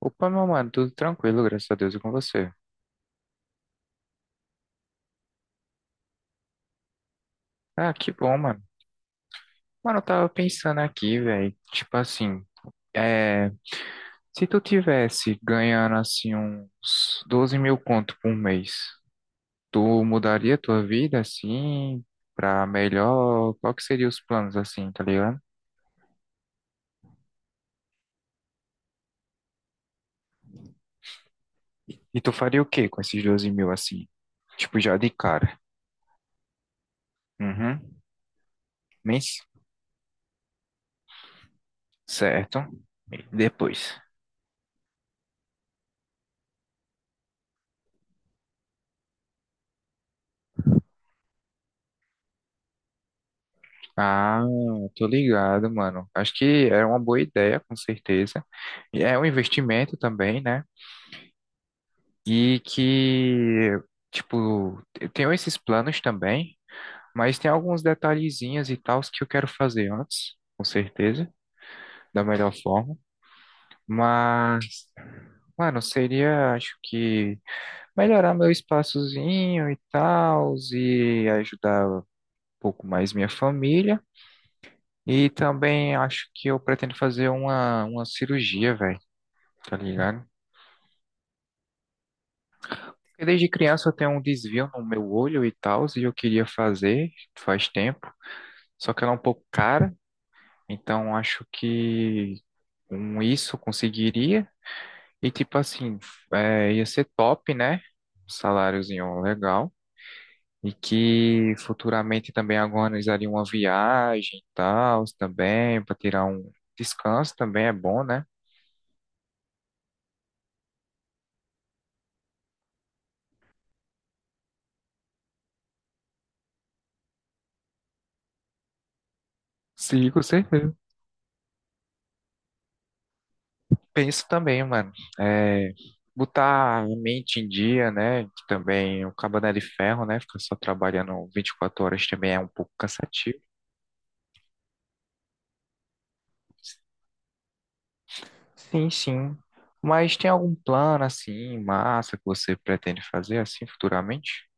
Opa, meu mano, tudo tranquilo, graças a Deus e com você. Ah, que bom, mano. Mano, eu tava pensando aqui, velho. Tipo assim, é, se tu tivesse ganhando assim uns 12 mil conto por mês, tu mudaria tua vida assim pra melhor? Qual que seria os planos assim, tá ligado? E tu faria o quê com esses 12 mil assim? Tipo, já de cara. Uhum. Mês? Certo. E depois? Ah, tô ligado, mano. Acho que é uma boa ideia, com certeza. E é um investimento também, né? E que, tipo, eu tenho esses planos também, mas tem alguns detalhezinhos e tals que eu quero fazer antes, com certeza, da melhor forma. Mas, mano, seria, acho que, melhorar meu espaçozinho e tals e ajudar um pouco mais minha família. E também acho que eu pretendo fazer uma cirurgia, velho, tá ligado? Porque desde criança eu tenho um desvio no meu olho e tal, e eu queria fazer faz tempo, só que ela é um pouco cara, então acho que com isso eu conseguiria. E tipo assim, ia ser top, né? Saláriozinho legal. E que futuramente também organizaria uma viagem e tal, também, para tirar um descanso também é bom, né? Sim, com certeza. Penso também, mano. É, botar a mente em dia, né? Que também o cabo não é de ferro, né? Ficar só trabalhando 24 horas também é um pouco cansativo. Sim, sim. Mas tem algum plano assim, massa, que você pretende fazer assim futuramente?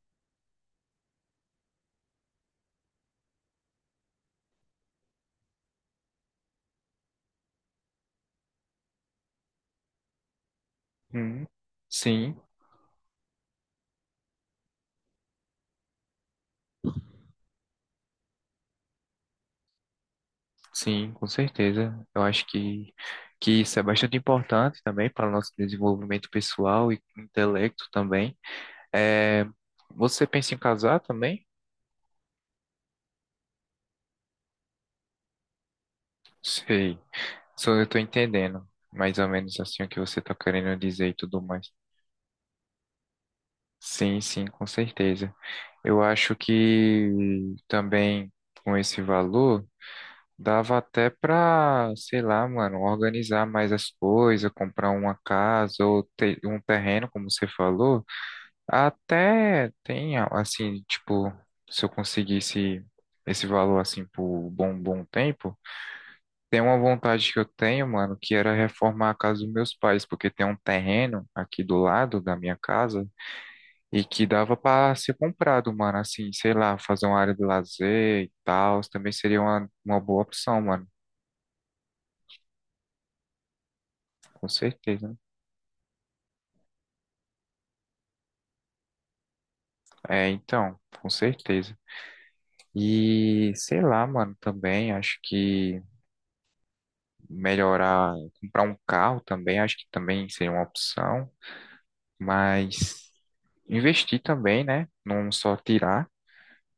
Hum, sim, sim, com certeza. Eu acho que isso é bastante importante também para o nosso desenvolvimento pessoal e intelecto também. É, você pensa em casar também? Sei. Só eu tô entendendo mais ou menos assim o que você tá querendo dizer e tudo mais. Sim, sim, com certeza. Eu acho que também com esse valor dava até pra, sei lá, mano, organizar mais as coisas, comprar uma casa ou ter um terreno, como você falou. Até tem assim, tipo, se eu conseguisse esse valor assim por um bom bom tempo. Tem uma vontade que eu tenho, mano, que era reformar a casa dos meus pais, porque tem um terreno aqui do lado da minha casa e que dava pra ser comprado, mano, assim, sei lá, fazer uma área de lazer e tal, também seria uma boa opção, mano, com certeza. Né? É, então, com certeza. E sei lá, mano, também acho que melhorar, comprar um carro também, acho que também seria uma opção, mas investir também, né? Não só tirar.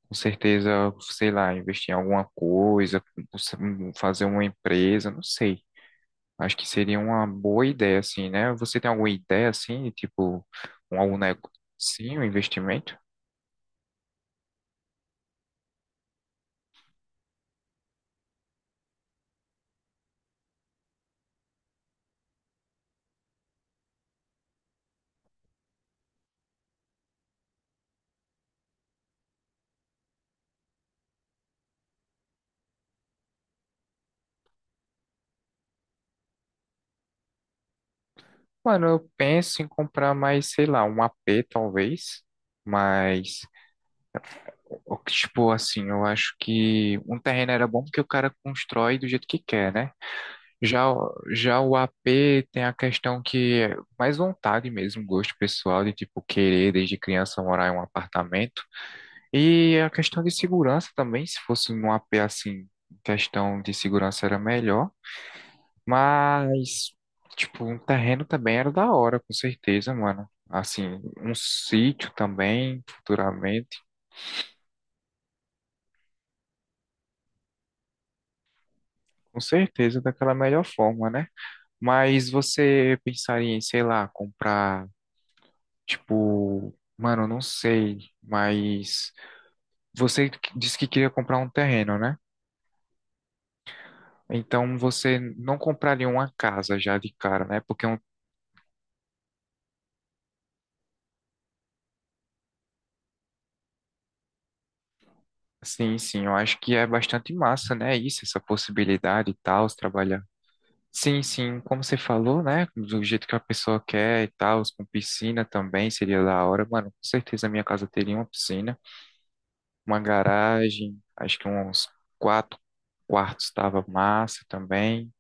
Com certeza, sei lá, investir em alguma coisa, fazer uma empresa, não sei. Acho que seria uma boa ideia, assim, né? Você tem alguma ideia, assim, tipo, um, algum negócio, sim, um investimento? Mano, eu penso em comprar mais, sei lá, um AP, talvez, mas, tipo, assim, eu acho que um terreno era bom porque o cara constrói do jeito que quer, né? Já, já o AP tem a questão que é mais vontade mesmo, gosto pessoal de tipo querer desde criança morar em um apartamento. E a questão de segurança também, se fosse num AP assim, questão de segurança era melhor, mas tipo, um terreno também era da hora, com certeza, mano. Assim, um sítio também, futuramente, com certeza daquela melhor forma, né? Mas você pensaria em, sei lá, comprar. Tipo, mano, eu não sei, mas você disse que queria comprar um terreno, né? Então você não compraria uma casa já de cara, né? Porque é um, sim, sim, eu acho que é bastante massa, né? Isso, essa possibilidade e tal, se trabalhar. Sim, sim, como você falou, né? Do jeito que a pessoa quer e tal, com piscina também seria da hora. Mano, com certeza a minha casa teria uma piscina, uma garagem, acho que uns quatro quartos tava massa também.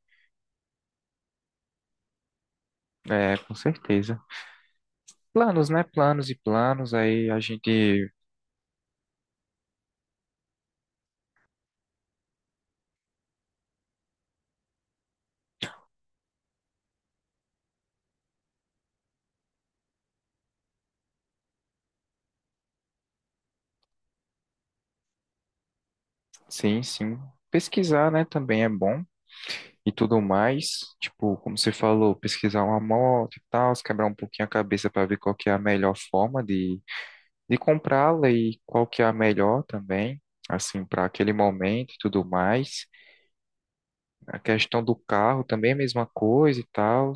É, com certeza. Planos, né? Planos e planos, aí a gente, sim, sim, pesquisar, né, também é bom e tudo mais, tipo, como você falou, pesquisar uma moto e tal, se quebrar um pouquinho a cabeça para ver qual que é a melhor forma de comprá-la e qual que é a melhor também, assim, para aquele momento e tudo mais. A questão do carro também é a mesma coisa e tal,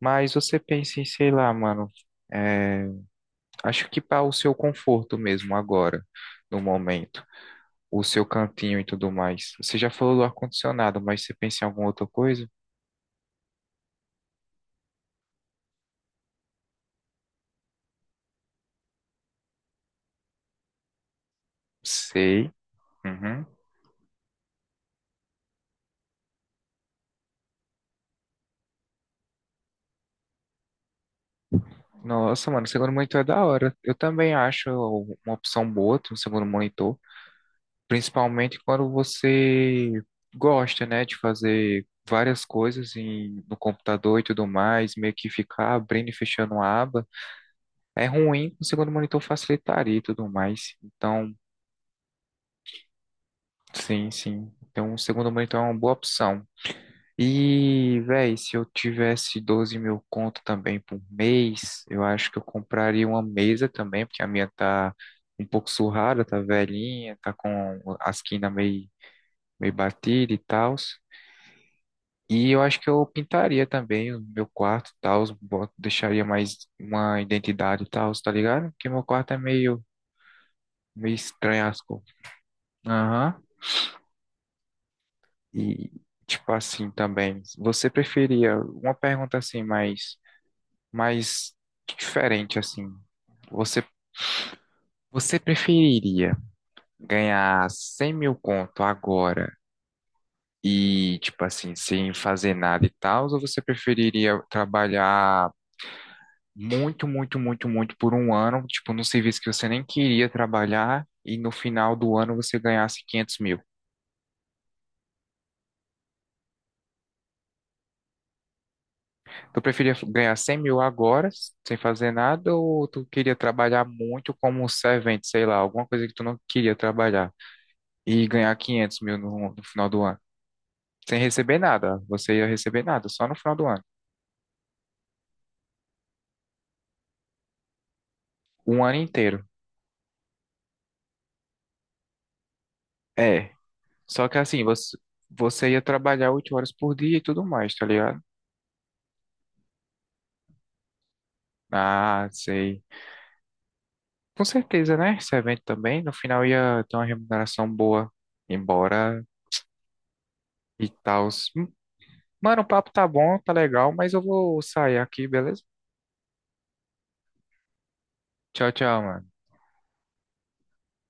mas você pensa em, sei lá, mano, é, acho que para o seu conforto mesmo agora, no momento. O seu cantinho e tudo mais. Você já falou do ar-condicionado, mas você pensa em alguma outra coisa? Sei. Uhum. Nossa, mano, o segundo monitor é da hora. Eu também acho uma opção boa ter um segundo monitor, principalmente quando você gosta, né, de fazer várias coisas em, no computador e tudo mais, meio que ficar abrindo e fechando uma aba. É ruim, o segundo monitor facilitaria e tudo mais. Então, sim, sim. Então, o segundo monitor é uma boa opção. E, véi, se eu tivesse 12 mil conto também por mês, eu acho que eu compraria uma mesa também, porque a minha tá um pouco surrada, tá velhinha, tá com a esquina meio, meio batida e tal. E eu acho que eu pintaria também o meu quarto e tal, deixaria mais uma identidade e tal, tá ligado? Porque meu quarto é meio, meio estranho as cores. Aham. E, tipo assim, também, você preferia, uma pergunta assim, mais mas diferente assim. Você, você preferiria ganhar 100 mil conto agora e, tipo assim, sem fazer nada e tal, ou você preferiria trabalhar muito, muito, muito, muito por um ano, tipo, num serviço que você nem queria trabalhar e no final do ano você ganhasse 500 mil? Tu preferia ganhar 100 mil agora, sem fazer nada, ou tu queria trabalhar muito como um servente, sei lá, alguma coisa que tu não queria trabalhar e ganhar 500 mil no final do ano? Sem receber nada. Você ia receber nada, só no final do ano. Um ano inteiro. É. Só que assim, você ia trabalhar 8 horas por dia e tudo mais, tá ligado? Ah, sei. Com certeza, né? Esse evento também, no final ia ter uma remuneração boa. Embora e tal. Mano, o papo tá bom, tá legal, mas eu vou sair aqui, beleza? Tchau, tchau, mano.